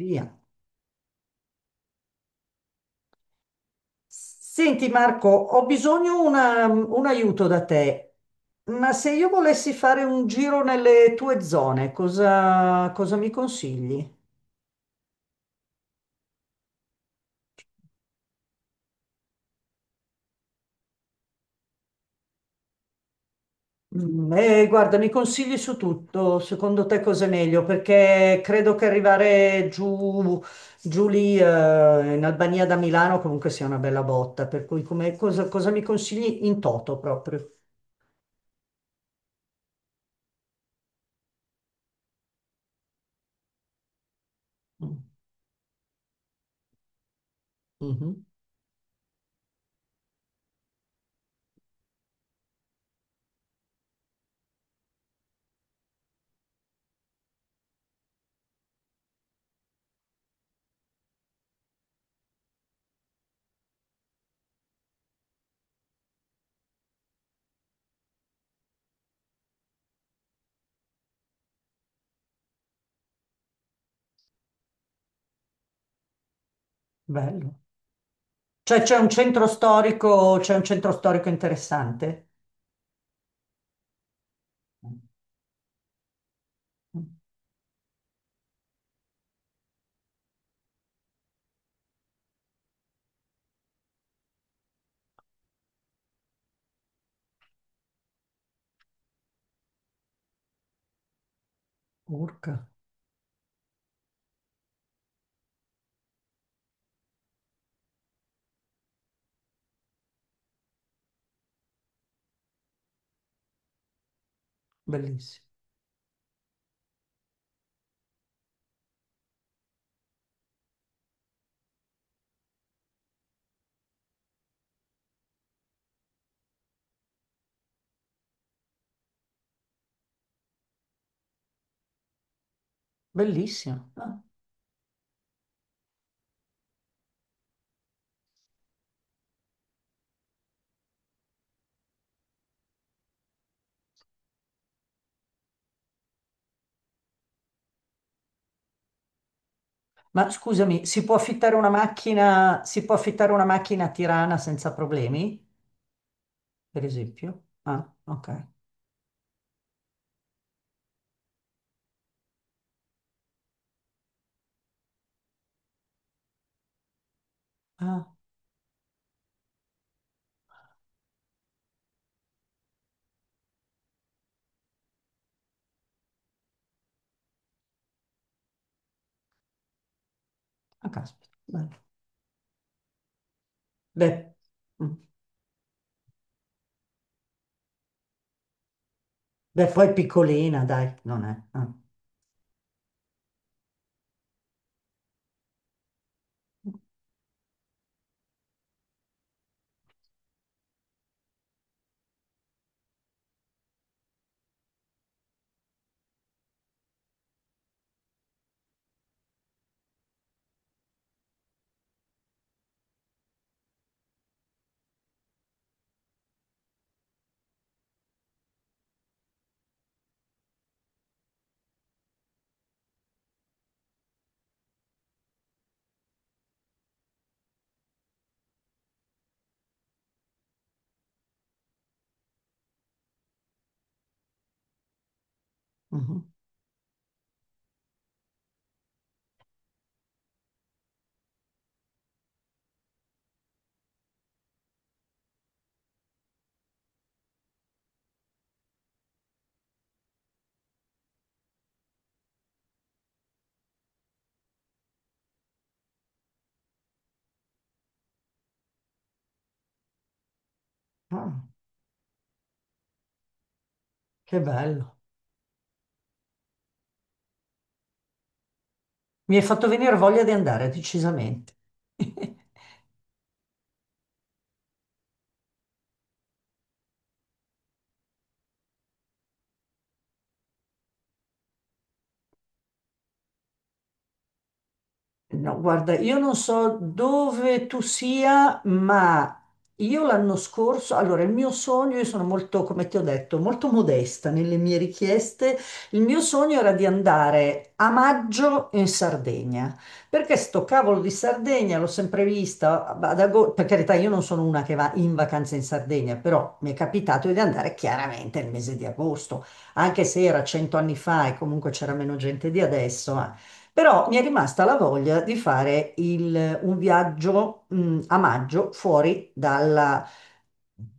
Via. Senti Marco, ho bisogno un aiuto da te, ma se io volessi fare un giro nelle tue zone, cosa mi consigli? Guarda, mi consigli su tutto, secondo te cos'è meglio? Perché credo che arrivare giù lì, in Albania da Milano comunque sia una bella botta, per cui cosa mi consigli in toto proprio? Mm. Mhm. Bello. Cioè c'è un centro storico, c'è un centro storico interessante. Urca, bellissimo, bellissimo. Ah. Ma scusami, si può affittare una macchina, si può affittare una macchina a Tirana senza problemi, per esempio? Ah, ok. Ah, ah, caspita. Bello. Beh, mm. Beh, poi è piccolina, dai, non è. Ah. Mhm. Ah, che bello. Mi hai fatto venire voglia di andare, decisamente. No, guarda, io non so dove tu sia, ma io l'anno scorso, allora il mio sogno, io sono molto, come ti ho detto, molto modesta nelle mie richieste, il mio sogno era di andare a maggio in Sardegna, perché sto cavolo di Sardegna l'ho sempre vista, per carità, io non sono una che va in vacanza in Sardegna, però mi è capitato di andare chiaramente nel mese di agosto, anche se era 100 anni fa e comunque c'era meno gente di adesso, però mi è rimasta la voglia di fare un viaggio, a maggio fuori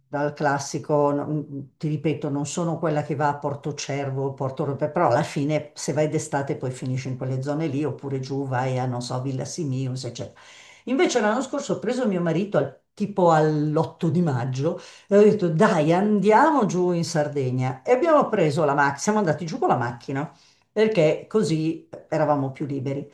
dal classico, no, ti ripeto, non sono quella che va a Porto Cervo, Porto Rope, però alla fine se vai d'estate poi finisci in quelle zone lì, oppure giù vai a, non so, Villa Simius, eccetera. Invece l'anno scorso ho preso mio marito tipo all'8 di maggio e ho detto dai andiamo giù in Sardegna e abbiamo preso la macchina, siamo andati giù con la macchina perché così eravamo più liberi.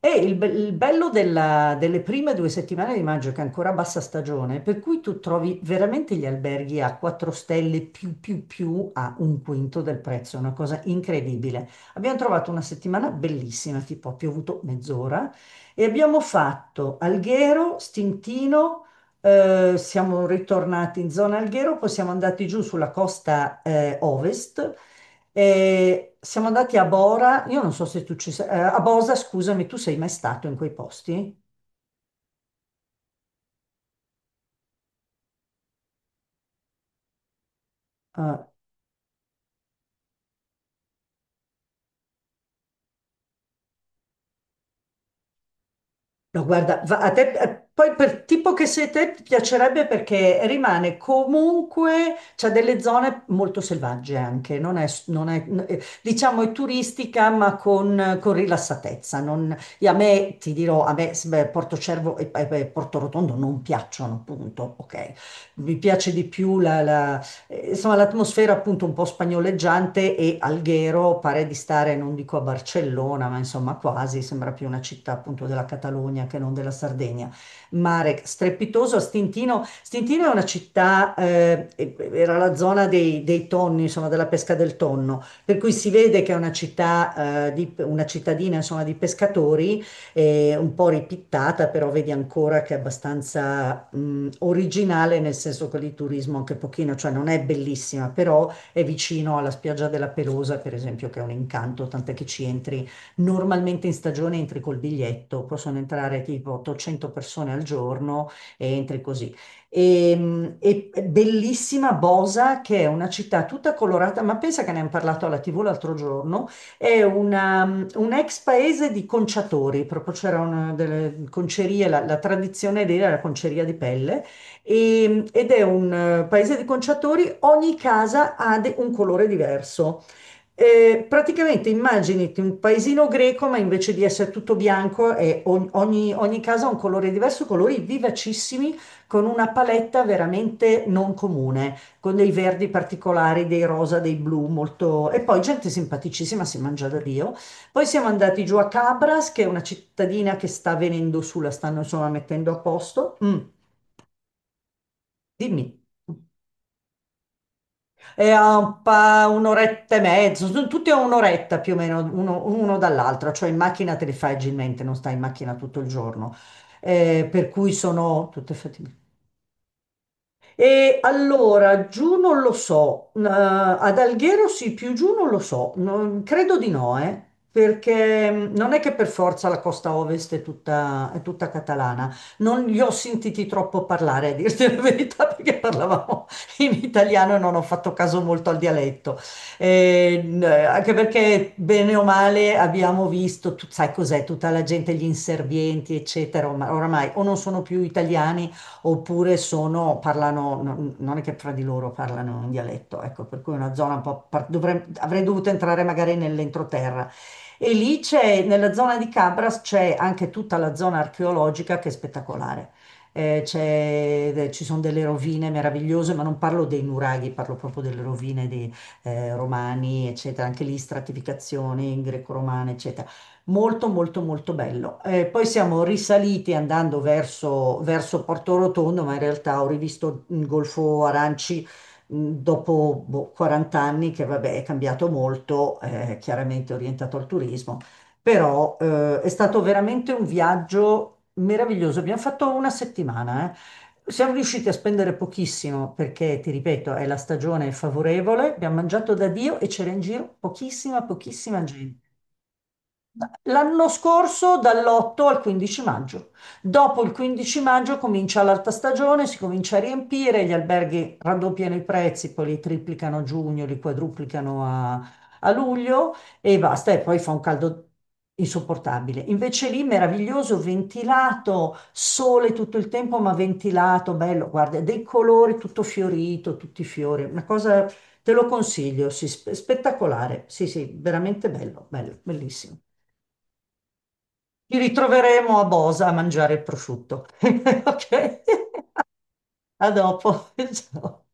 E il bello delle prime due settimane di maggio, che è ancora bassa stagione, per cui tu trovi veramente gli alberghi a 4 stelle più a un quinto del prezzo, è una cosa incredibile. Abbiamo trovato una settimana bellissima, tipo ha piovuto mezz'ora, e abbiamo fatto Alghero, Stintino, siamo ritornati in zona Alghero, poi siamo andati giù sulla costa ovest e siamo andati a Bora, io non so se tu ci sei, a Bosa, scusami, tu sei mai stato in quei posti? Eh, no, guarda, a te, poi per tipo che sei te, ti piacerebbe perché rimane comunque, c'è delle zone molto selvagge anche, non è, non è- n- diciamo è turistica ma con rilassatezza. E a me, ti dirò, beh, Porto Cervo e Porto Rotondo non piacciono, punto, ok? Mi piace di più insomma, l'atmosfera appunto un po' spagnoleggiante e Alghero pare di stare, non dico a Barcellona, ma insomma quasi, sembra più una città appunto della Catalogna che non della Sardegna. Mare strepitoso a Stintino. Stintino è una città, era la zona dei tonni, insomma, della pesca del tonno, per cui si vede che è una città, una cittadina, insomma, di pescatori un po' ripittata, però vedi ancora che è abbastanza originale, nel senso che lì turismo anche pochino, cioè non è bellissima, però è vicino alla spiaggia della Pelosa, per esempio, che è un incanto, tant'è che ci entri normalmente in stagione, entri col biglietto, possono entrare tipo 800 persone al giorno e entri così. E bellissima Bosa, che è una città tutta colorata, ma pensa che ne hanno parlato alla TV l'altro giorno, è un ex paese di conciatori, proprio c'era una delle concerie, la tradizione lì era la conceria di pelle, e- mm, ed è un paese di conciatori, ogni casa ha un colore diverso. Praticamente immaginati un paesino greco, ma invece di essere tutto bianco, è ogni casa ha un colore diverso, colori vivacissimi, con una paletta veramente non comune, con dei verdi particolari, dei rosa, dei blu, molto. E poi gente simpaticissima, si mangia da Dio. Poi siamo andati giù a Cabras, che è una cittadina che sta venendo su, la stanno insomma mettendo a posto. Mm, dimmi. È a un'oretta e mezzo, sono tutti a un'oretta più o meno uno, uno dall'altro, cioè in macchina te li fai agilmente, non stai in macchina tutto il giorno. Per cui sono tutte fatte. E allora, giù non lo so, ad Alghero sì, più giù non lo so, credo di no, perché mm, non è che per forza la costa ovest è tutta catalana, non li ho sentiti troppo parlare, a dirti la verità, perché parlavamo in italiano e non ho fatto caso molto al dialetto. Anche perché bene o male abbiamo visto, tu sai cos'è, tutta la gente, gli inservienti, eccetera, ormai, oramai o non sono più italiani oppure sono, parlano, non è che fra di loro parlano in dialetto, ecco, per cui è una zona un po', avrei dovuto entrare magari nell'entroterra. E lì c'è, nella zona di Cabras c'è anche tutta la zona archeologica che è spettacolare. Ci sono delle rovine meravigliose, ma non parlo dei nuraghi, parlo proprio delle rovine dei romani, eccetera, anche lì stratificazioni greco-romane, eccetera, molto molto molto bello. Poi siamo risaliti andando verso Porto Rotondo, ma in realtà ho rivisto il Golfo Aranci dopo boh, 40 anni, che vabbè è cambiato molto, chiaramente orientato al turismo, però è stato veramente un viaggio meraviglioso. Abbiamo fatto una settimana, eh. Siamo riusciti a spendere pochissimo perché, ti ripeto, è la stagione favorevole, abbiamo mangiato da Dio e c'era in giro pochissima gente. L'anno scorso dall'8 al 15 maggio. Dopo il 15 maggio comincia l'alta stagione, si comincia a riempire, gli alberghi raddoppiano i prezzi, poi li triplicano a giugno, li quadruplicano a luglio e basta, e poi fa un caldo insopportabile. Invece lì meraviglioso, ventilato, sole tutto il tempo, ma ventilato, bello, guarda, dei colori, tutto fiorito, tutti i fiori, una cosa. Te lo consiglio, sì, spettacolare, sì, sì, veramente bello, bello, bellissimo. Ci ritroveremo a Bosa a mangiare il prosciutto. Ok, a dopo. Ciao.